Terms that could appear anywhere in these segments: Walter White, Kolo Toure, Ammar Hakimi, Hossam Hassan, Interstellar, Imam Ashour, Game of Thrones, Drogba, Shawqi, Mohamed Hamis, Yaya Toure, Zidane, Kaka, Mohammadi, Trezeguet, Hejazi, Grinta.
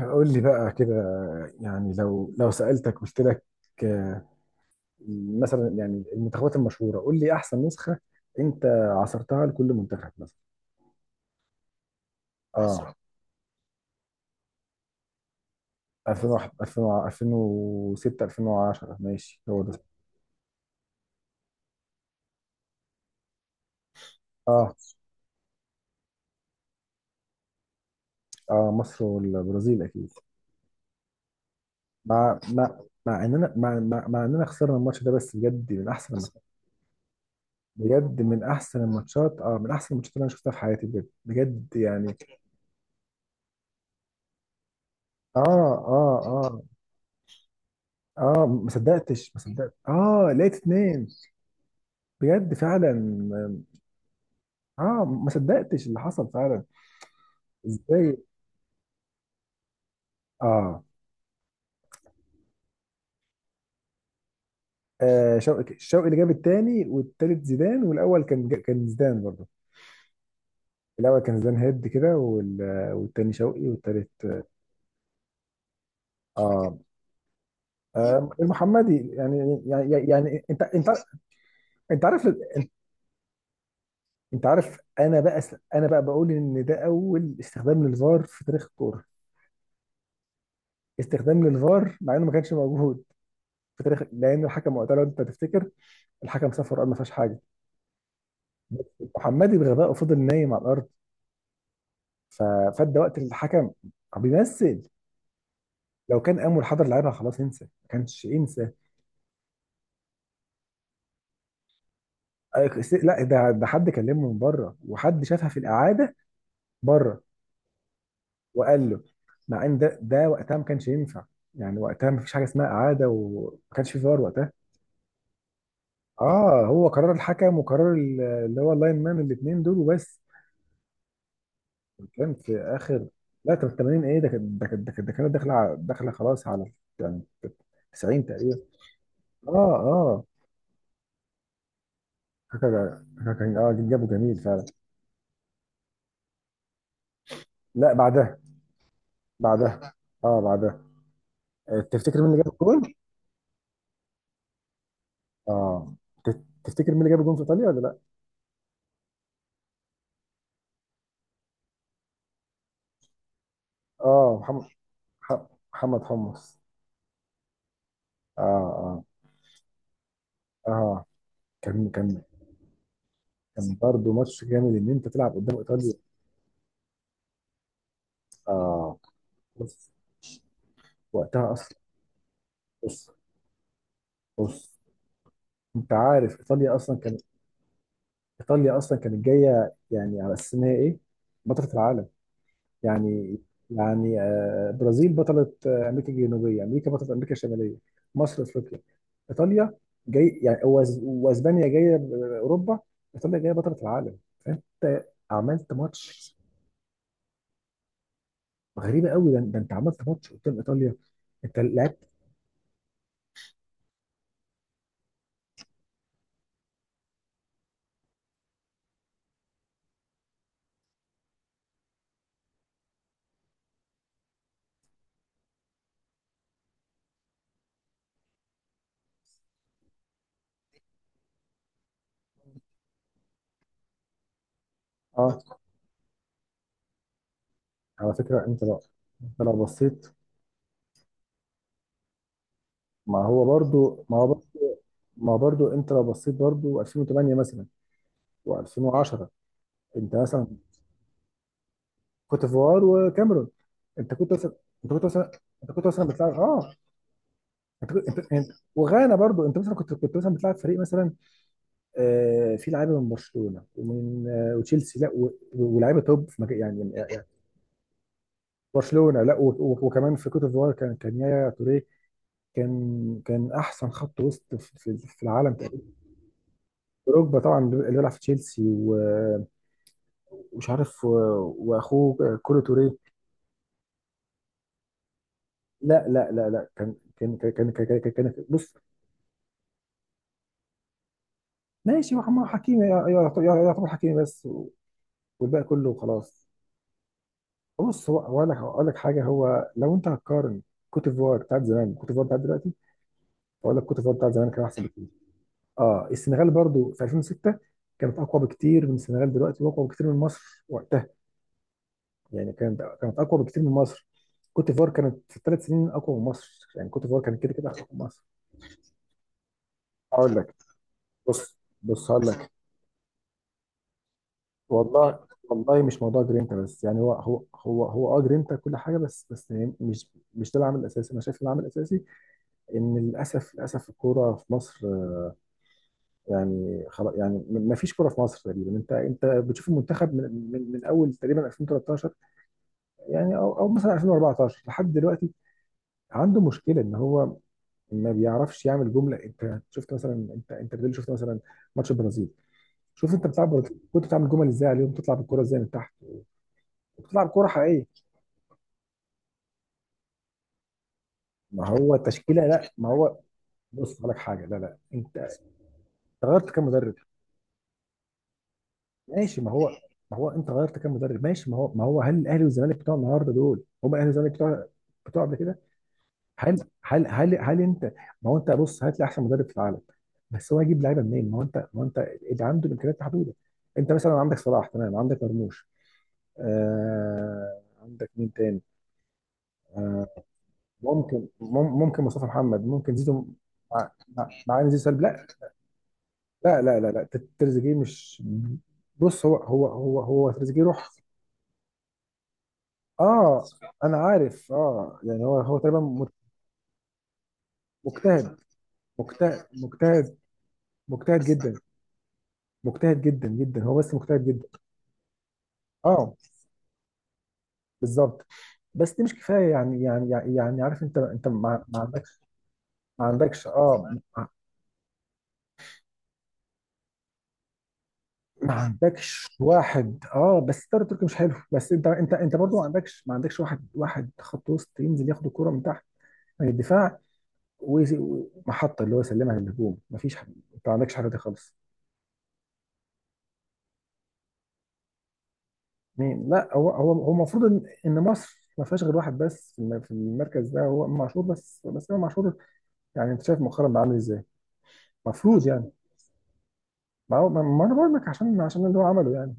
قول لي بقى كده. يعني لو سألتك قلت لك، آه، مثلا يعني المنتخبات المشهورة، قول لي أحسن نسخة أنت عصرتها لكل منتخب مثلا. اه عصر 2001، 2000، 2006، 2010، ماشي هو ده. اه اه، مصر والبرازيل أكيد. مع مع مع إننا خسرنا الماتش ده، بس بجد من أحسن الماتشات، من أحسن الماتشات اللي أنا شفتها في حياتي، بجد بجد يعني. اه اه آه. اه، ما صدقتش ما صدقت اه، لقيت اتنين. بجد فعلا. اه، ما صدقتش اللي حصل فعلا. ازاي؟ اه, شوقي، الشوقي اللي جاب التاني والتالت، زيدان. والاول كان زيدان برضه. الاول كان زيدان هيد كده، والتاني شوقي، والتالت اه, المحمدي يعني. يعني انت انت عارف انت عارف انا بقى بقول ان ده اول استخدام للفار في تاريخ الكوره، استخدام للفار، مع انه ما كانش موجود في تاريخ. لان الحكم وقتها، لو انت تفتكر، الحكم سافر وقال ما فيهاش حاجه. محمدي بغبائه فضل نايم على الارض. ف- فادى وقت الحكم بيمثل. لو كان قام والحضر لعبها، خلاص انسى، ما كانش انسى. لا، ده حد كلمه من بره، وحد شافها في الاعاده بره، وقال له. مع ان ده وقتها ما كانش ينفع، يعني وقتها ما فيش حاجه اسمها اعاده، وما كانش في فار وقتها. اه، هو قرار الحكم وقرار اللي هو اللاين مان، الاثنين دول وبس. كان في اخر لا، كان 80 ايه ده، كانت داخله خلاص على، يعني 90 تقريبا. اه اه، كاكا كاكا كان جابه جميل فعلا. لا بعدها. بعدها اه بعدها، تفتكر مين اللي جاب الجول؟ اه، تفتكر مين اللي جاب الجول في ايطاليا ولا لا؟ اه، محمد، ح- حمص. اه اه اه، كان كان كان برضه ماتش جامد، ان انت تلعب قدام ايطاليا. اه، بص، وقتها اصلا. بص بص، انت عارف، ايطاليا اصلا، كانت جايه يعني على اساس ان هي ايه، بطله العالم يعني يعني برازيل بطله، امريكا الجنوبيه، امريكا بطله امريكا الشماليه، مصر افريقيا، ايطاليا جاي يعني، واسبانيا جايه اوروبا، ايطاليا جايه بطله العالم. فانت عملت ماتش غريبه قوي. ده انت عملت ماتش قدام ايطاليا، انت لعبت. اه، على فكره، انت لو بصيت. ما هو برضو ما هو برضو ما هو برضو، انت لو بصيت برضو 2008 مثلا و2010. انت مثلا، كوت ديفوار وكاميرون. انت كنت مثلا انت كنت مثلا انت كنت مثلا بتلعب انت كنت... انت... انت... وغانا برضو. انت مثلا، كنت مثلا بتلعب فريق مثلا. فيه لعيبه من برشلونه، وتشيلسي، لا و... ولاعيبه توب في مجال يعني، يعني. برشلونه، لا و... و... وكمان في كوت ديفوار كان، يايا توريه. كان احسن خط وسط في العالم تقريبا. دروجبا طبعا اللي بيلعب في تشيلسي، ومش عارف، واخوه كولو توريه. لا لا لا لا، بص. ماشي، هو عمار حكيمي، يعتبر حكيمي بس، والباقي كله خلاص. بص، هو، اقول لك حاجه. هو لو انت هتقارن كوت ديفوار بتاعت زمان، كوت ديفوار بتاعت دلوقتي، اقول لك كوت ديفوار بتاعت زمان كان احسن بكتير. اه، السنغال برضو في 2006 كانت اقوى بكتير من السنغال دلوقتي، واقوى بكتير من مصر وقتها. يعني كانت، اقوى بكتير من مصر. كوت ديفوار كانت في ثلاث سنين اقوى من مصر، يعني كوت ديفوار كانت كده كده اقوى من مصر. اقول لك، بص بص، هقول لك، والله. والله، مش موضوع جرينتا بس يعني. هو جرينتا كل حاجه، بس بس يعني، مش، ده العامل الاساسي. انا شايف العامل الاساسي ان للاسف، للاسف، الكوره في مصر، يعني خلاص يعني ما فيش كوره في مصر تقريبا. انت بتشوف المنتخب، من اول تقريبا 2013، يعني او، مثلا 2014، لحد دلوقتي عنده مشكله ان هو ما بيعرفش يعمل جمله. انت شفت مثلا، انت بتقول، شفت مثلا ماتش البرازيل. شوف، انت بتلعب، كنت بتعمل جمل ازاي عليهم، تطلع بالكوره ازاي من تحت، وبتلعب كوره حقيقيه. ما هو التشكيله. لا، ما هو بص، هقول لك حاجه. لا لا، أنت غيرت كام مدرب؟ ماشي. ما هو انت غيرت كام مدرب؟ ماشي. ما هو، هل الاهلي والزمالك بتوع النهارده دول هم الاهلي والزمالك بتوع بتوع قبل كده؟ هل هل انت؟ ما هو انت، بص، هات لي احسن مدرب في العالم، بس هو هيجيب لعيبه منين؟ ما هو انت، اللي عنده الامكانيات محدوده. انت مثلا عندك صلاح، تمام، عندك مرموش، آه، عندك مين تاني؟ ممكن، مصطفى محمد، ممكن زيزو. مع مع إن زيزو سلبي. لا لا لا لا لا، تريزيجيه مش، بص، هو، تريزيجيه روح. اه، انا عارف. اه يعني، هو، تقريبا مجتهد، مجتهد، مجتهد، مجتهد جدا. مجتهد جدا جدا هو، بس مجتهد جدا. اه، بالظبط. بس دي مش كفايه يعني، عارف، انت، ما عندكش، ما عندكش، اه، ما ما عندكش واحد، اه. بس الدوري التركي مش حلو. بس انت، انت برضه ما عندكش، واحد، خط وسط ينزل ياخد الكوره من تحت يعني، الدفاع، ومحطه اللي هو يسلمها للهجوم. مفيش، انت ما عندكش حاجه دي خالص. مين؟ لا، هو، المفروض ان، مصر ما فيهاش غير واحد بس في، في المركز ده، هو إمام عاشور بس، امام عاشور. يعني انت شايف مؤخرا بقى عامل ازاي المفروض يعني. ما, هو- ما ما انا بقول لك، عشان، اللي هو عمله يعني.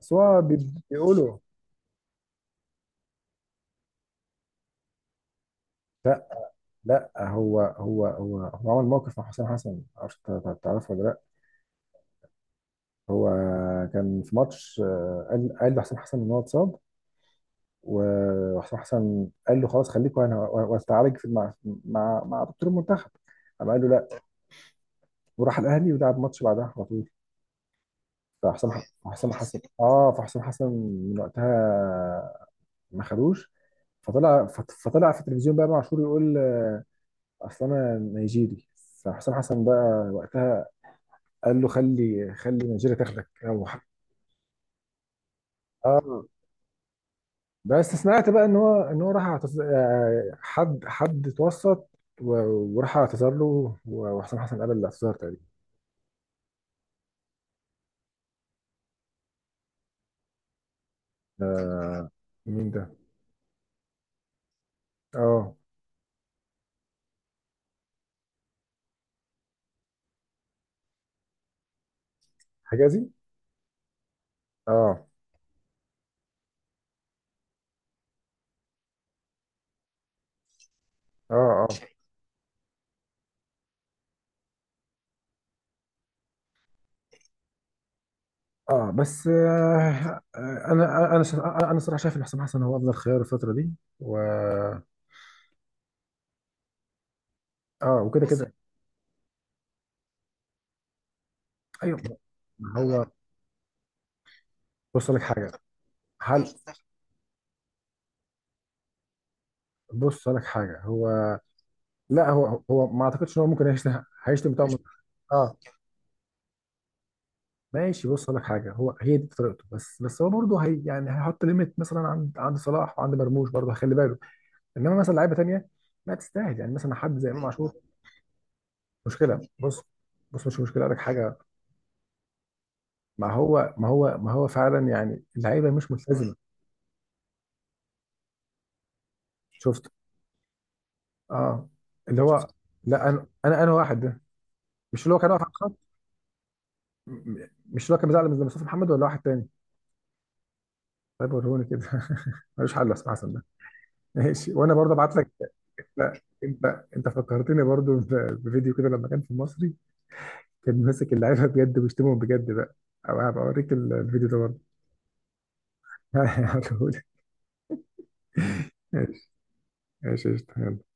بس هو بيقولوا. لا لا، هو عمل موقف مع حسام حسن، معرفش انت تعرفه ولا لا. هو كان في ماتش، قال، لحسام حسن ان هو اتصاب، وحسام حسن قال له خلاص خليك، وانا واستعالج مع، دكتور المنتخب. قام قال له لا، وراح الاهلي ولعب ماتش بعدها على طول. فحسام، ح- حسام حسن اه فحسام حسن من وقتها ما خدوش. فطلع، فطلع في التلفزيون بقى معشور يقول، اصل انا نيجيري. فحسام حسن بقى وقتها قال له، خلي، نيجيريا تاخدك، او اه. بس سمعت بقى ان هو، راح اعتذر، حد، اتوسط، وراح اعتذر له، وحسام حسن قبل الاعتذار تقريبا. آه، مين ده؟ اه، حجازي؟ اه اه اه اه. بس آه انا، الصراحه شايف ان حسام حسن هو افضل خيار الفتره دي. و اه، وكده بص كده. ايوه. هو، بص لك حاجه. هل، بص لك حاجه. هو، لا، هو، هو ما اعتقدش ان هو ممكن هيشتم. هيشتم طبعا. اه، ماشي، بص اقول لك حاجه. هو هي دي طريقته، بس بس هو برضه هي، يعني هيحط ليميت مثلا عند، صلاح وعند مرموش، برضه هيخلي باله. انما مثلا لعيبه تانيه لا تستاهل، يعني مثلا حد زي امام عاشور. مشكله، بص، بص، مش مشكله. اقول لك حاجه. ما هو، ما هو فعلا يعني، اللعيبه مش ملتزمه. شفت. اه، اللي هو، لا، انا، واحد ده مش اللي هو كان واقف على الخط. مش اللي هو كان بيزعل من مصطفى محمد ولا واحد تاني؟ طيب وروني كده ملوش حل يا اسماء حسن ده. ماشي، وانا برضه ابعت لك. لا، انت، فكرتني برضو بفيديو كده لما كان في المصري، كان ماسك اللعيبه بجد، وبيشتمهم بجد بقى. او هبقى اوريك الفيديو ده برضه. هقولهولك. ماشي. ماشي قشطة. يلا.